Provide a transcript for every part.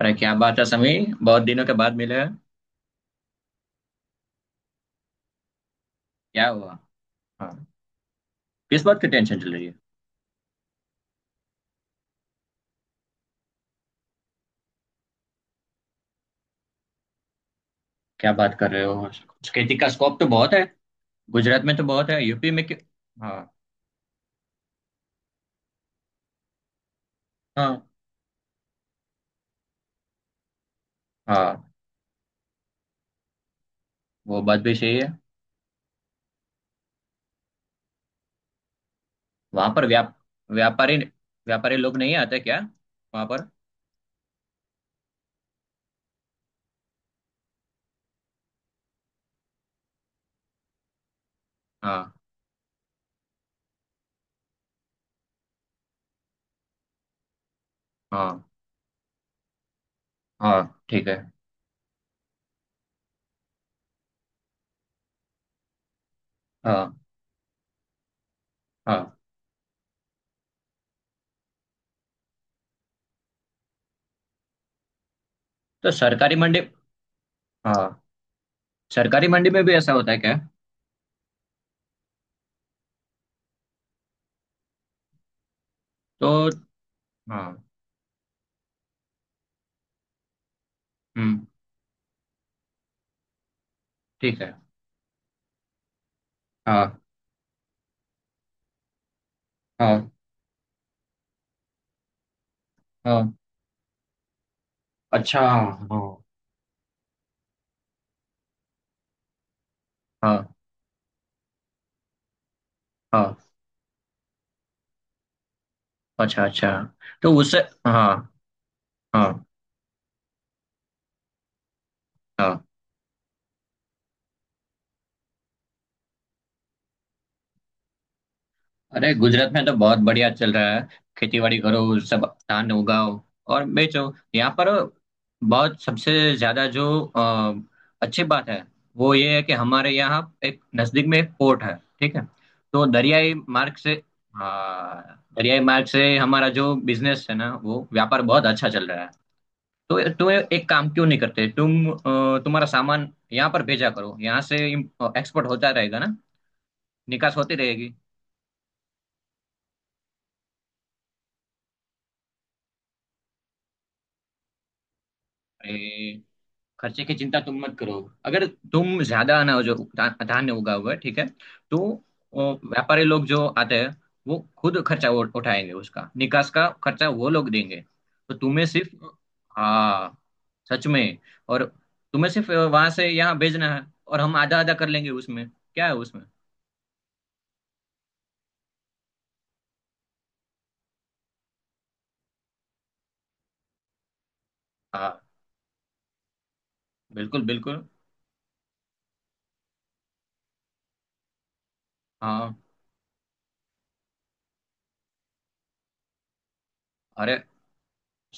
अरे क्या बात है समीर, बहुत दिनों के बाद मिले हैं। क्या हुआ? हाँ। किस बात की टेंशन चल रही है? क्या बात कर रहे हो? खेती का स्कोप तो बहुत है। गुजरात में तो बहुत है, यूपी में क्यों? हाँ। हाँ। हाँ, वो बात भी सही है। वहां पर व्यापारी व्यापारी लोग नहीं आते क्या वहां पर? हाँ। हाँ। हाँ ठीक है। हाँ। हाँ। तो सरकारी मंडी, हाँ, सरकारी मंडी में भी ऐसा होता है क्या? तो हाँ। हम्म ठीक है। हाँ। हाँ। हाँ, अच्छा हाँ। हाँ। हाँ, अच्छा अच्छा। तो उससे हाँ। हाँ। हाँ। अरे गुजरात में तो बहुत बढ़िया चल रहा है। खेती बाड़ी करो सब, धान उगाओ और बेचो यहाँ पर। बहुत सबसे ज्यादा जो अ, अच्छी बात है वो ये है कि हमारे यहाँ एक नजदीक में एक पोर्ट है, ठीक है? तो दरियाई मार्ग से हाँ, दरियाई मार्ग से हमारा जो बिजनेस है ना, वो व्यापार बहुत अच्छा चल रहा है। तो तुम एक काम क्यों नहीं करते, तुम तुम्हारा सामान यहाँ पर भेजा करो। यहाँ से एक्सपोर्ट होता रहेगा ना, निकास होती रहेगी। अरे खर्चे की चिंता तुम मत करो। अगर तुम ज्यादा अनाज जो धान्य उगा हुआ है, ठीक है, तो व्यापारी लोग जो आते हैं वो खुद खर्चा उठाएंगे। उसका निकास का खर्चा वो लोग देंगे। तो तुम्हें सिर्फ हाँ, सच में। और तुम्हें सिर्फ वहां से यहाँ भेजना है, और हम आधा आधा कर लेंगे उसमें। क्या है उसमें? हाँ, बिल्कुल बिल्कुल। हाँ। अरे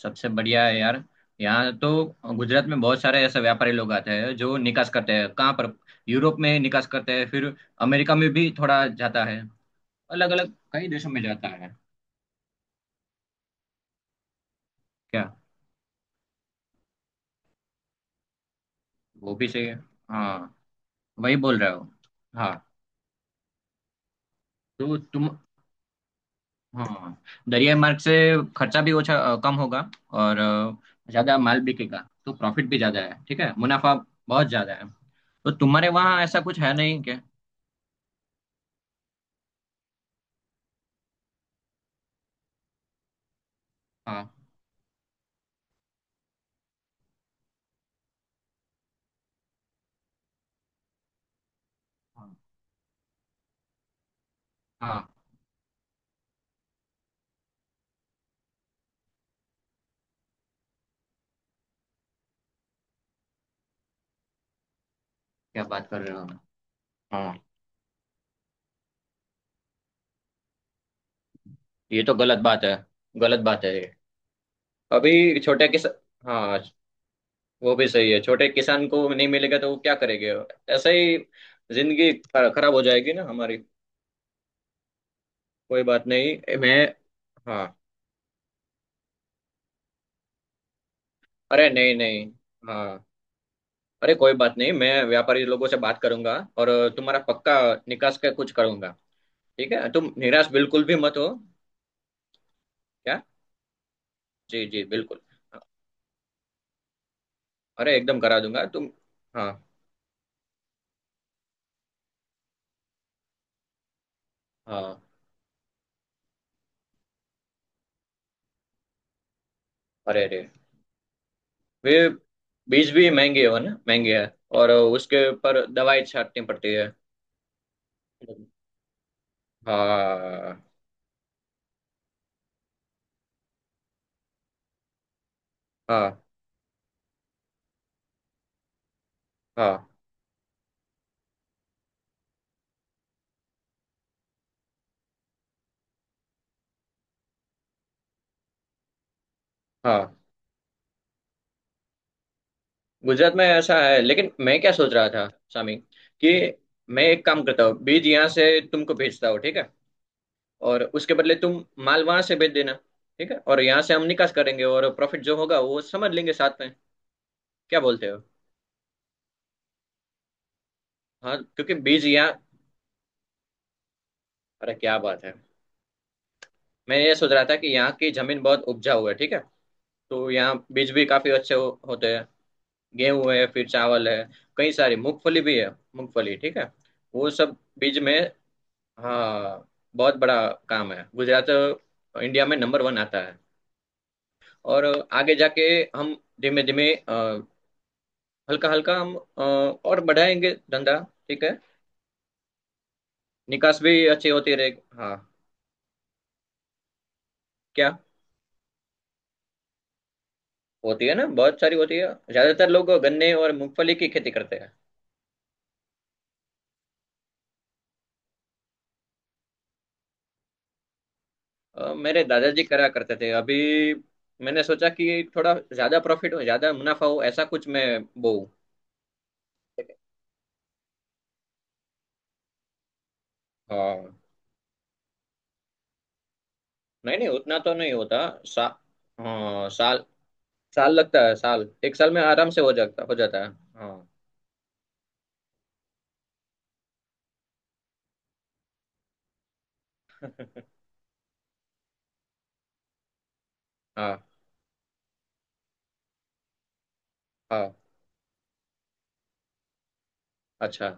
सबसे बढ़िया है यार यहाँ तो। गुजरात में बहुत सारे ऐसे व्यापारी लोग आते हैं जो निकास करते हैं। कहाँ पर? यूरोप में निकास करते हैं, फिर अमेरिका में भी थोड़ा जाता है। अलग अलग कई देशों में जाता है। क्या? वो भी सही है। हाँ, वही बोल रहे हो। हाँ। तो तुम हाँ, दरियाई मार्ग से खर्चा भी कम होगा। और ज्यादा माल बिकेगा तो प्रॉफिट भी ज्यादा है, ठीक है, मुनाफा बहुत ज्यादा है। तो तुम्हारे वहाँ ऐसा कुछ है नहीं क्या? हाँ। हाँ। हाँ। क्या बात कर रहे हो आप? हाँ। ये तो गलत बात है। गलत बात है ये। अभी छोटे किसान हाँ, वो भी सही है। छोटे किसान को नहीं मिलेगा तो वो क्या करेंगे? ऐसे ही जिंदगी खराब हो जाएगी ना हमारी। कोई बात नहीं मैं, हाँ। अरे नहीं नहीं। हाँ। अरे कोई बात नहीं, मैं व्यापारी लोगों से बात करूंगा, और तुम्हारा पक्का निकास का कुछ करूंगा। ठीक है? तुम निराश बिल्कुल भी मत हो। क्या? जी जी बिल्कुल। अरे एकदम करा दूंगा तुम। हाँ। हाँ। अरे अरे, वे बीज भी महंगे हो ना, महंगे है। और उसके पर दवाई छाटनी पड़ती है। हाँ। हाँ। हाँ। हाँ गुजरात में ऐसा है, लेकिन मैं क्या सोच रहा था सामी, कि मैं एक काम करता हूँ, बीज यहाँ से तुमको भेजता हूँ, ठीक है? और उसके बदले तुम माल वहां से भेज देना। ठीक है, और यहाँ से हम निकास करेंगे, और प्रॉफिट जो होगा वो समझ लेंगे साथ में। क्या बोलते हो? हाँ क्योंकि बीज यहाँ अरे क्या बात है। मैं ये सोच रहा था कि यहाँ की जमीन बहुत उपजाऊ है, ठीक है, तो यहाँ बीज भी काफी अच्छे होते हैं। गेहूं है, फिर चावल है, कई सारी मूंगफली भी है। मूंगफली ठीक है, वो सब बीज में हाँ बहुत बड़ा काम है। गुजरात इंडिया में नंबर वन आता है। और आगे जाके हम धीमे धीमे हल्का हल्का हम और बढ़ाएंगे धंधा, ठीक है? निकास भी अच्छी होती रहेगी हाँ। क्या? होती है ना, बहुत सारी होती है। ज्यादातर लोग गन्ने और मूंगफली की खेती करते हैं। मेरे दादाजी करा करते थे। अभी मैंने सोचा कि थोड़ा ज्यादा प्रॉफिट हो, ज्यादा मुनाफा हो, ऐसा कुछ मैं बोऊं। हाँ नहीं नहीं, उतना तो नहीं होता। सा, हाँ साल, साल लगता है साल। एक साल में आराम से हो जाता, हो जाता है। हाँ। हाँ। हाँ। अच्छा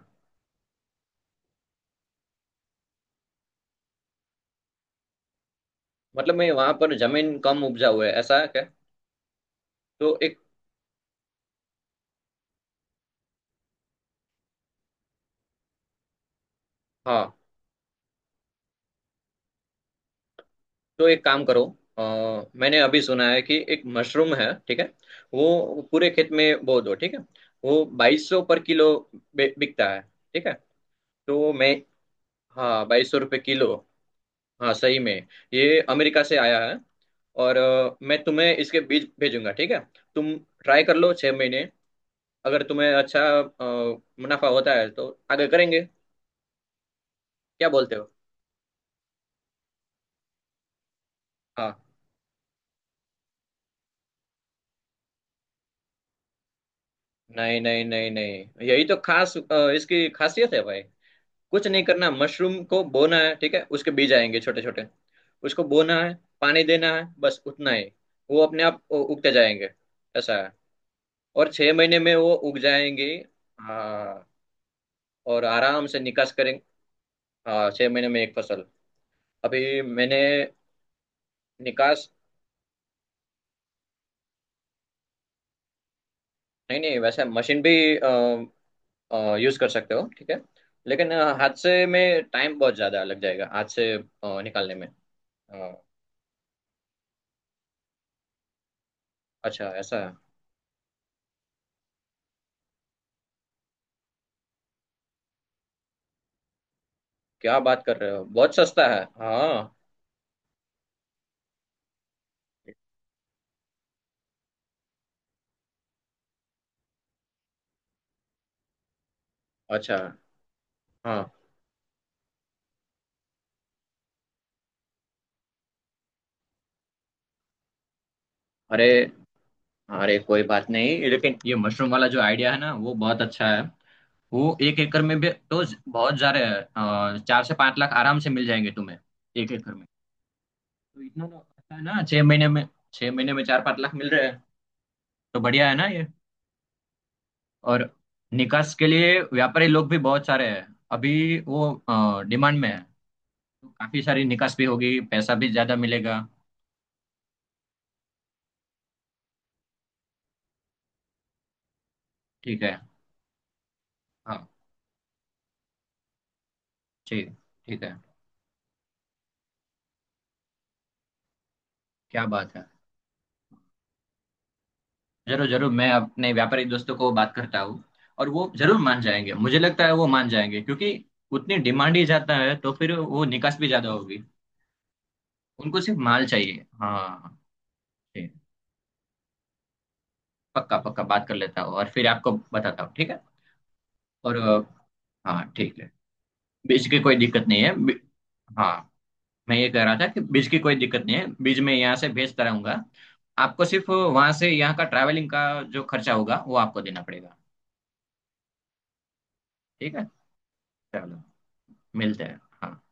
मतलब मैं, वहां पर जमीन कम उपजाऊ है ऐसा है क्या? तो एक हाँ, तो एक काम करो। अ, मैंने अभी सुना है कि एक मशरूम है, ठीक है? वो पूरे खेत में बो दो, ठीक है? वो 2200 पर किलो बिकता है, ठीक है, तो मैं हाँ। 2200 रुपये किलो, हाँ सही में। ये अमेरिका से आया है। और मैं तुम्हें इसके बीज भेजूंगा, ठीक है? तुम ट्राई कर लो 6 महीने। अगर तुम्हें अच्छा मुनाफा होता है तो आगे करेंगे, क्या बोलते हो? हाँ नहीं नहीं नहीं नहीं, यही तो खास इसकी खासियत है भाई। कुछ नहीं करना, मशरूम को बोना है, ठीक है? उसके बीज आएंगे छोटे छोटे, उसको बोना है, पानी देना है, बस उतना ही। वो अपने आप उगते जाएंगे। ऐसा है। और 6 महीने में वो उग जाएंगे। हाँ और आराम से निकास करेंगे। हाँ 6 महीने में एक फसल। अभी मैंने निकास नहीं नहीं, वैसे मशीन भी यूज कर सकते हो, ठीक है, लेकिन हाथ से में टाइम बहुत ज्यादा लग जाएगा, हाथ से निकालने में। अ, अच्छा ऐसा है। क्या बात कर रहे हो, बहुत सस्ता है। हाँ अच्छा। हाँ। अरे अरे कोई बात नहीं, लेकिन ये मशरूम वाला जो आइडिया है ना वो बहुत अच्छा है। वो 1 एकड़ में भी तो बहुत जा रहे हैं, 4 से 5 लाख आराम से मिल जाएंगे तुम्हें, 1 एकड़ में। तो इतना तो अच्छा है ना 6 महीने में? छह महीने में 4-5 लाख मिल रहे हैं तो बढ़िया है ना ये। और निकास के लिए व्यापारी लोग भी बहुत सारे हैं अभी। वो डिमांड में है तो काफी सारी निकास भी होगी, पैसा भी ज्यादा मिलेगा। ठीक है। हाँ, ठीक। ठीक है। क्या बात है। जरूर जरूर, मैं अपने व्यापारी दोस्तों को बात करता हूँ, और वो जरूर मान जाएंगे। मुझे लगता है वो मान जाएंगे, क्योंकि उतनी डिमांड ही ज्यादा है तो फिर वो निकास भी ज्यादा होगी। उनको सिर्फ माल चाहिए। हाँ ठीक। पक्का पक्का बात कर लेता हूँ और फिर आपको बताता हूँ, ठीक है? और हाँ ठीक है। बीज की कोई दिक्कत नहीं है हाँ। मैं ये कह रहा था कि बीज की कोई दिक्कत नहीं है, बीज मैं यहाँ से भेजता रहूंगा। आपको सिर्फ वहां से यहाँ का ट्रैवलिंग का जो खर्चा होगा वो आपको देना पड़ेगा। ठीक है। चलो मिलते हैं, हाँ।